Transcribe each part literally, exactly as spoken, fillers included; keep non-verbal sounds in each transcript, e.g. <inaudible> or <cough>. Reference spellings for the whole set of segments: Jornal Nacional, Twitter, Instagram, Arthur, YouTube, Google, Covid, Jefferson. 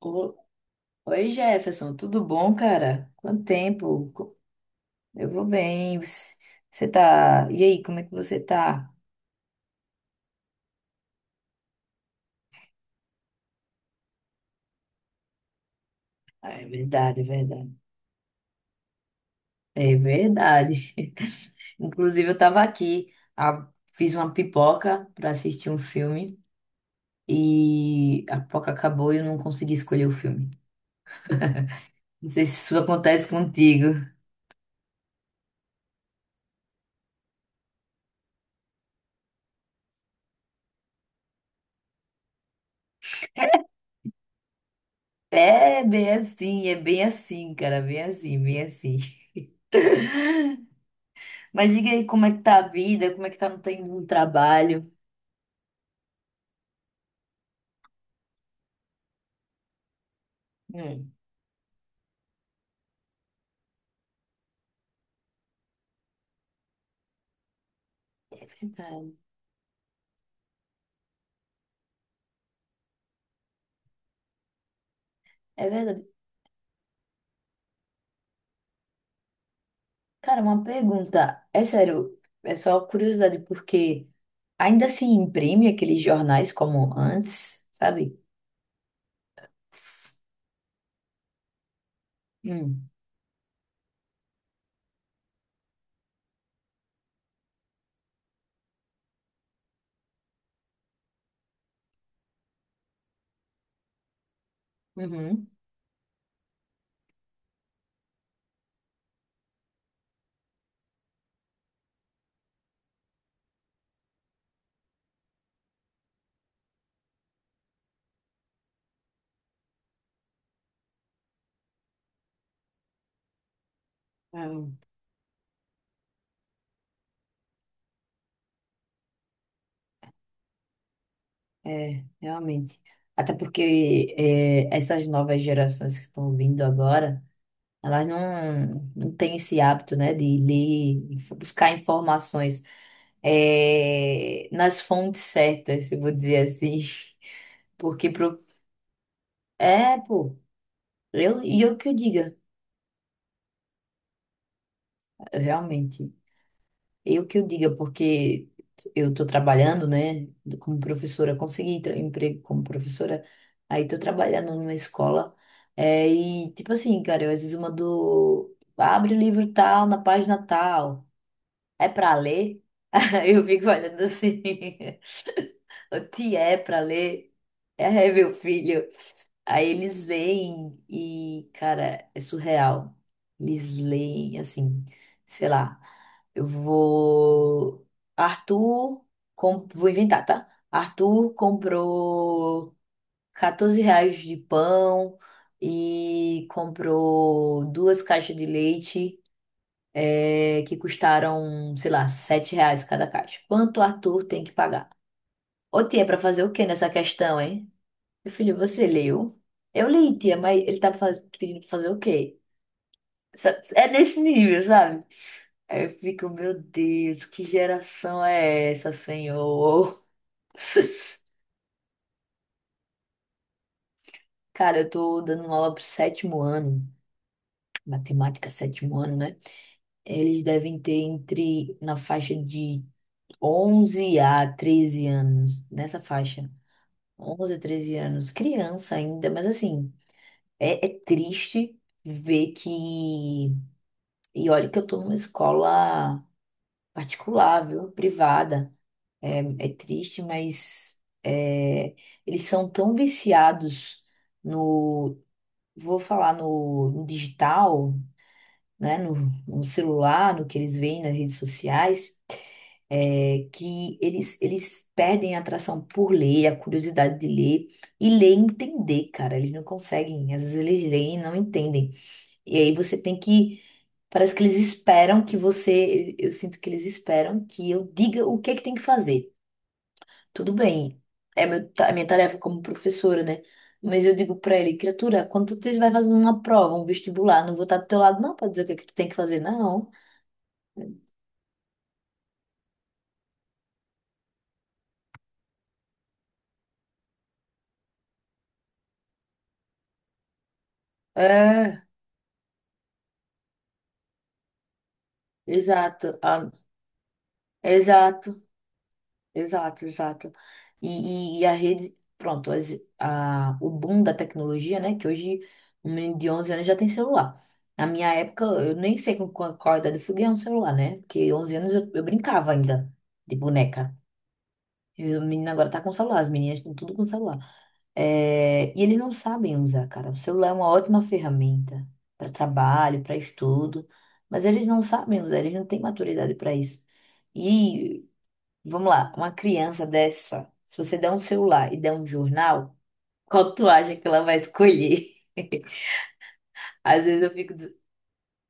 O- Oi, Jefferson, tudo bom, cara? Quanto tempo? Co- Eu vou bem. Você você tá. E aí, como é que você tá? Ah, é verdade, é verdade. É verdade. <laughs> Inclusive, eu tava aqui, a- fiz uma pipoca pra assistir um filme e a pipoca acabou e eu não consegui escolher o filme. Não sei se isso acontece contigo. É bem assim, é bem assim, cara, bem assim, bem assim. Mas diga aí como é que tá a vida, como é que tá no, tem- no trabalho. Hum. É verdade. É verdade. Cara, uma pergunta. É sério, é só curiosidade, porque ainda se imprime aqueles jornais como antes, sabe? Hum. Uhum. Ah, é, realmente. Até porque é, essas novas gerações que estão vindo agora, elas não, não têm esse hábito, né, de ler, inf- buscar informações é, nas fontes certas, se eu vou dizer assim. <laughs> Porque pro... É, pô. Eu, e eu que eu diga, realmente. Eu que eu diga, porque eu tô trabalhando, né, como professora, consegui tra- emprego como professora, aí tô trabalhando numa escola, é, e tipo assim, cara, eu às vezes mando, abre o livro tal, na página tal, é pra ler? <laughs> Eu fico olhando assim, <laughs> o que é pra ler? É, meu filho. Aí eles leem e, cara, é surreal. Eles leem assim, sei lá, eu vou. Arthur, com... vou inventar, tá? Arthur comprou quatorze reais de pão e comprou duas caixas de leite é, que custaram, sei lá, sete reais cada caixa. Quanto Arthur tem que pagar? Ô, tia, pra fazer o quê nessa questão, hein? Meu filho, você leu? Eu li, tia, mas ele tava faz... pedindo pra fazer o quê? Sa- É nesse nível, sabe? Aí eu fico, meu Deus, que geração é essa, senhor? <laughs> Cara, eu tô dando uma aula pro sétimo ano, matemática, sétimo ano, né? Eles devem ter entre, na faixa de onze a treze anos, nessa faixa. Onze a treze anos, criança ainda, mas assim, é, é triste ver que. E olha que eu tô numa escola particular, viu? Privada. É triste, mas é, eles são tão viciados no, vou falar no, no digital, né? No, no celular, no que eles veem nas redes sociais, é, que eles, eles perdem a atração por ler, a curiosidade de ler e ler e entender, cara. Eles não conseguem. Às vezes eles leem e não entendem. E aí você tem que. Parece que eles esperam que você. Eu sinto que eles esperam que eu diga o que é que tem que fazer. Tudo bem, é meu, ta- a minha tarefa como professora, né? Mas eu digo pra ele, criatura, quando tu estiver fazendo uma prova, um vestibular, não vou estar do teu lado, não, pra dizer o que é que tu tem que fazer, não. É, exato, ah, exato. Exato, exato. E, e- e a rede, pronto, as- a, o boom da tecnologia, né? Que hoje um menino de onze anos já tem celular. Na minha época, eu nem sei com qual, qual idade eu fui ganhar um celular, né? Porque onze anos eu, eu brincava ainda de boneca. E o menino agora tá com celular, as meninas estão tudo com celular. É, e eles não sabem usar, cara. O celular é uma ótima ferramenta para trabalho, para estudo, mas eles não sabem usar, eles não têm maturidade para isso. Vamos lá, uma criança dessa, se você der um celular e der um jornal, qual tu acha que ela vai escolher? <laughs> Às vezes eu fico, des-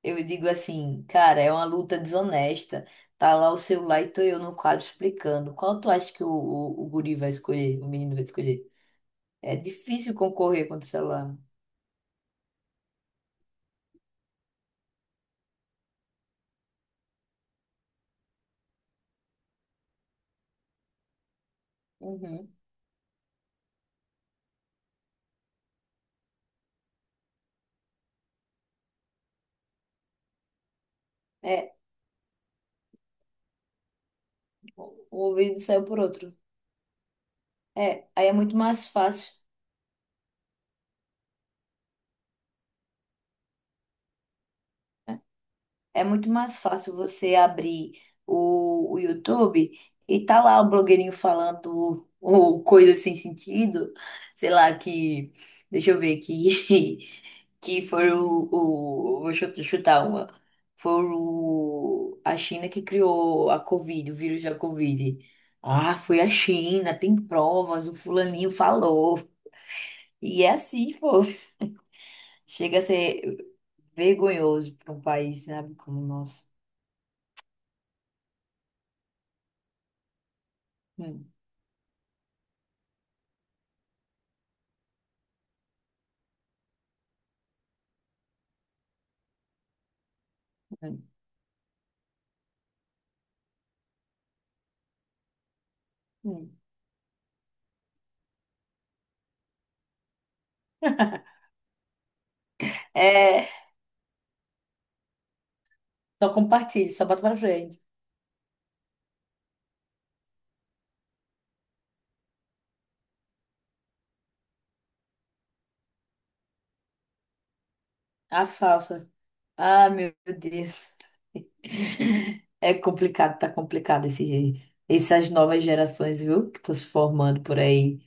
eu digo assim, cara, é uma luta desonesta. Tá lá o celular e tô eu no quadro explicando. Qual tu acha que o, o, o guri vai escolher, o menino vai escolher? É difícil concorrer contra o celular. Uhum. É, o o ouvido saiu por outro. É, aí é muito mais fácil, né? É muito mais fácil você abrir o, o YouTube e tá lá o blogueirinho falando <laughs> ou coisa sem sentido, sei lá, que. Deixa eu ver que <laughs> Que foi o, o. Vou chu- chutar uma. Foi o, a China que criou a Covid, o vírus da Covid. Ah, foi a China, tem provas, o fulaninho falou. E é assim, pô. Chega a ser vergonhoso para um país, sabe, como o nosso. Hum. Hum. Hum. É, só compartilha, só bota pra frente. A falsa. Ah, meu Deus. <laughs> É complicado, tá complicado esse, essas novas gerações, viu? Que estão se formando por aí.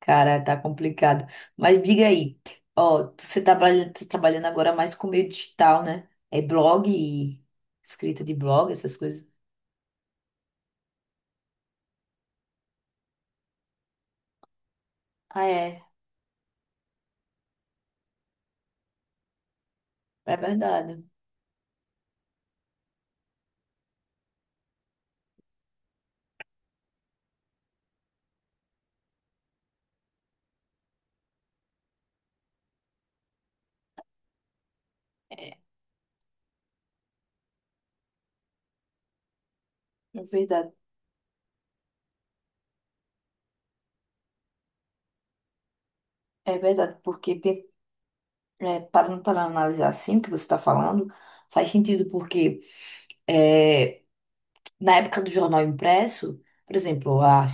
Cara, tá complicado. Mas diga aí, ó, tu- você tá trabalha- tá trabalhando agora mais com meio digital, né? É blog e escrita de blog, essas coisas. Ah, é. É verdade. É verdade. É verdade, porque É, parando para analisar assim o que você está falando, faz sentido porque é, na época do jornal impresso, por exemplo, a-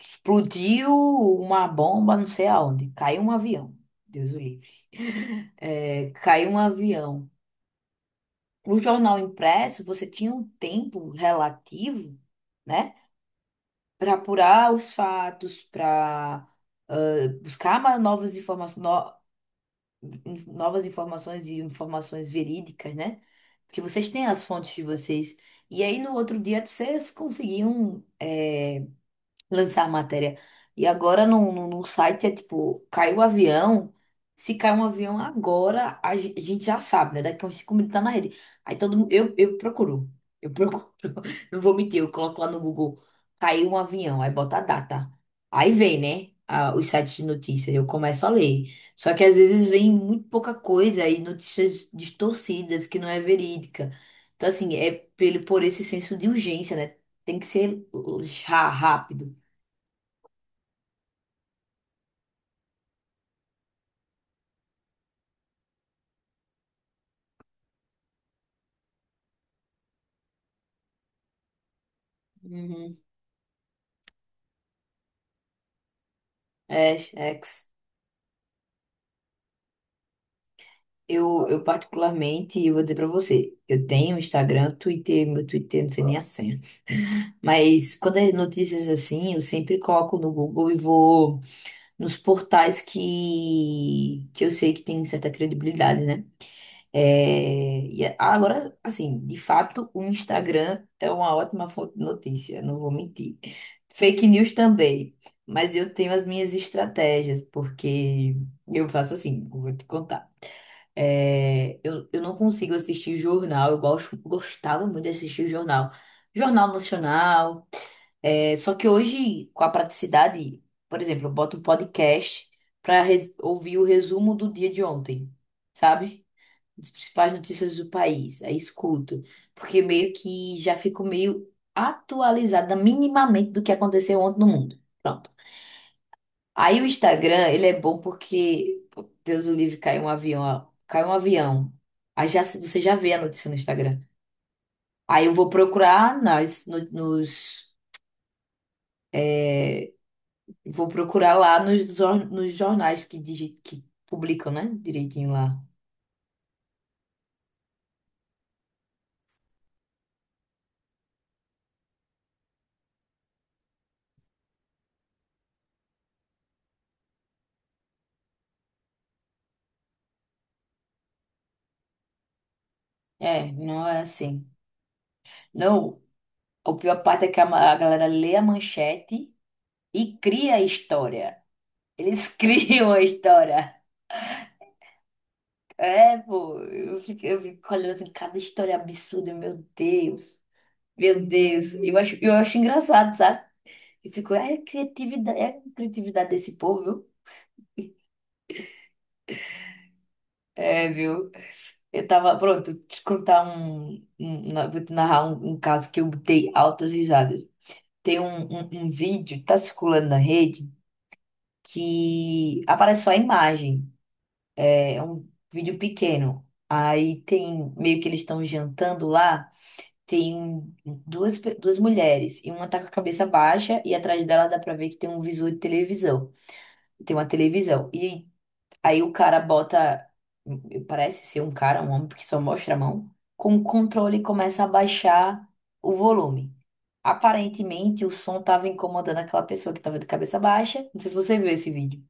explodiu uma bomba não sei aonde, caiu um avião, Deus o livre, <laughs> é, caiu um avião. No jornal impresso, você tinha um tempo relativo, né, para apurar os fatos, para buscar mais novas informações, in- novas informações e informações verídicas, né? Porque vocês têm as fontes de vocês. E aí no outro dia vocês conseguiam eh, lançar a matéria. E agora no, no, no site é tipo, caiu o avião. Se cai um avião agora, a ge- a gente já sabe, né? Daqui a uns cinco minutos tá na rede. Aí todo mundo, eu, eu procuro. Eu procuro. <laughs> Não vou mentir, eu coloco lá no Google. Caiu um avião, aí bota a data. Aí vem, né? a- os sites de notícias, eu começo a ler. Só que às vezes vem muito pouca coisa e notícias distorcidas que não é verídica. Então, assim, é pelo, por esse senso de urgência, né? Tem que ser já rápido. Uhum. É, ex. Eu, eu particularmente, eu vou dizer pra você, eu tenho Instagram, Twitter, meu Twitter, não sei nem a senha. Mas quando é notícias assim, eu sempre coloco no Google e vou nos portais que, que eu sei que tem certa credibilidade, né? É, e a- agora, assim, de fato, o Instagram é uma ótima fonte de notícia, não vou mentir. Fake news também, mas eu tenho as minhas estratégias, porque eu faço assim, eu vou te contar. É, eu, eu não consigo assistir jornal, eu gosto, gostava muito de assistir jornal. Jornal Nacional, é, só que hoje, com a praticidade, por exemplo, eu boto um podcast para ouvir o resumo do dia de ontem, sabe? Das principais notícias do país. Aí escuto, porque meio que já fico meio atualizada minimamente do que aconteceu ontem no mundo. Pronto. Aí o Instagram, ele é bom porque, pô, Deus o livre, caiu um avião, ó, caiu um avião. Aí já, se- você já vê a notícia no Instagram. Aí eu vou procurar nas, no- nos, vou procurar lá nos, jor- nos jornais que, digi- que publicam, né? Direitinho lá. É, não é assim. Não, a pior parte é que a ma- a galera lê a manchete e cria a história. Eles <laughs> criam a história. É, pô, eu fico, eu fico olhando assim, cada história absurda, meu Deus. Meu Deus. Eu acho, eu acho engraçado, sabe? Eu fico, é criatividade, é criatividade desse povo, viu? É, viu? Eu tava, pronto, te contar um, um- na- vou te narrar um, um caso que eu botei altas risadas. Tem um, um, um vídeo, que tá circulando na rede, que aparece só a imagem. É um vídeo pequeno. Aí tem, meio que eles estão jantando lá, tem duas, pe- duas mulheres, e uma tá com a cabeça baixa, e atrás dela dá pra ver que tem um visor de televisão. Tem uma televisão. E aí o cara bota, parece ser um cara, um homem, porque só mostra a mão, com o controle e começa a baixar o volume. Aparentemente o som tava incomodando aquela pessoa que tava de cabeça baixa. Não sei se você viu esse vídeo.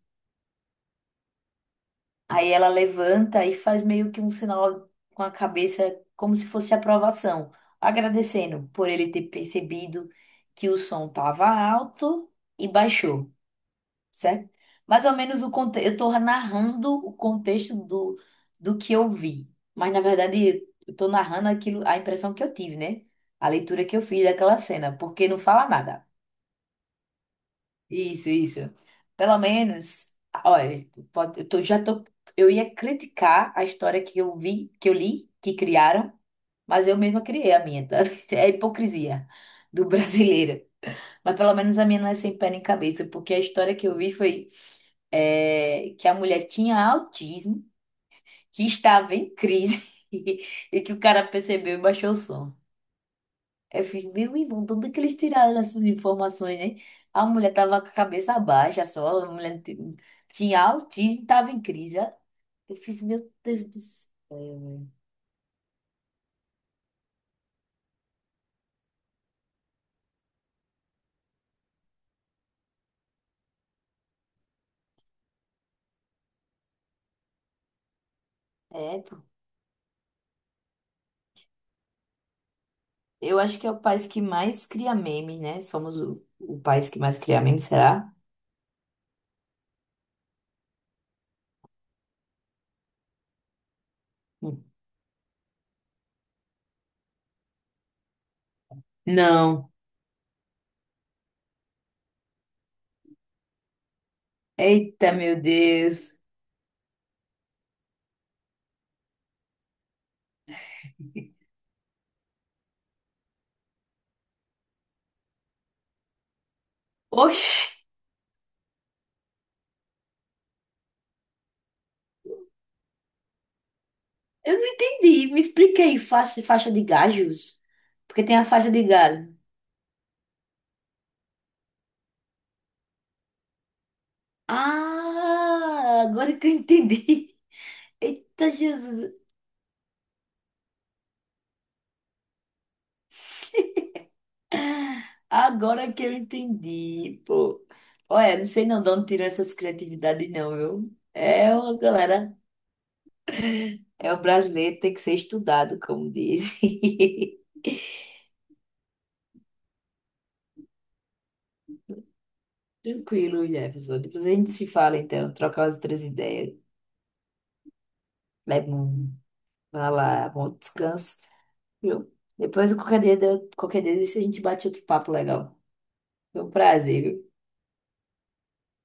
Aí ela levanta e faz meio que um sinal com a cabeça, como se fosse aprovação, agradecendo por ele ter percebido que o som estava alto e baixou, certo? Mais ou menos o contexto. Eu estou narrando o contexto do, do que eu vi, mas na verdade eu estou narrando aquilo, a impressão que eu tive, né? A leitura que eu fiz daquela cena, porque não fala nada. Isso, isso. Pelo menos, olha, pode- eu tô- já tô, eu ia criticar a história que eu vi, que eu li, que criaram, mas eu mesma criei a minha, tá? <laughs> É a hipocrisia do brasileiro. Mas pelo menos a minha não é sem pé nem cabeça, porque a história que eu vi foi é, que a mulher tinha autismo, que estava em crise <laughs> e que o cara percebeu e baixou o som. Eu fiz, meu irmão, tudo que eles tiraram essas informações, né? A mulher tava com a cabeça baixa só, a mulher t- tinha autismo, tava em crise, ó. Eu fiz, meu Deus do céu, velho. É, pô. Eu acho que é o país que mais cria meme, né? Somos o, o país que mais cria meme, será? Hum. Não. Eita, meu Deus. Oxi, eu não entendi. Me explica aí, faixa, faixa de gajos. Porque tem a faixa de gado. Ah, agora que eu entendi. <laughs> Eita, Jesus! Agora que eu entendi, pô. Olha, não sei não de onde tirou essas criatividades, não, viu? É uma galera. É o brasileiro, tem que ser estudado, como diz. <laughs> Tranquilo, Jefferson. Depois a gente se fala, então. Troca as outras ideias. Leva um. Vai lá, bom descanso, viu? Depois, qualquer dia, qualquer dia desse, a gente bate outro papo legal. Foi um prazer, viu?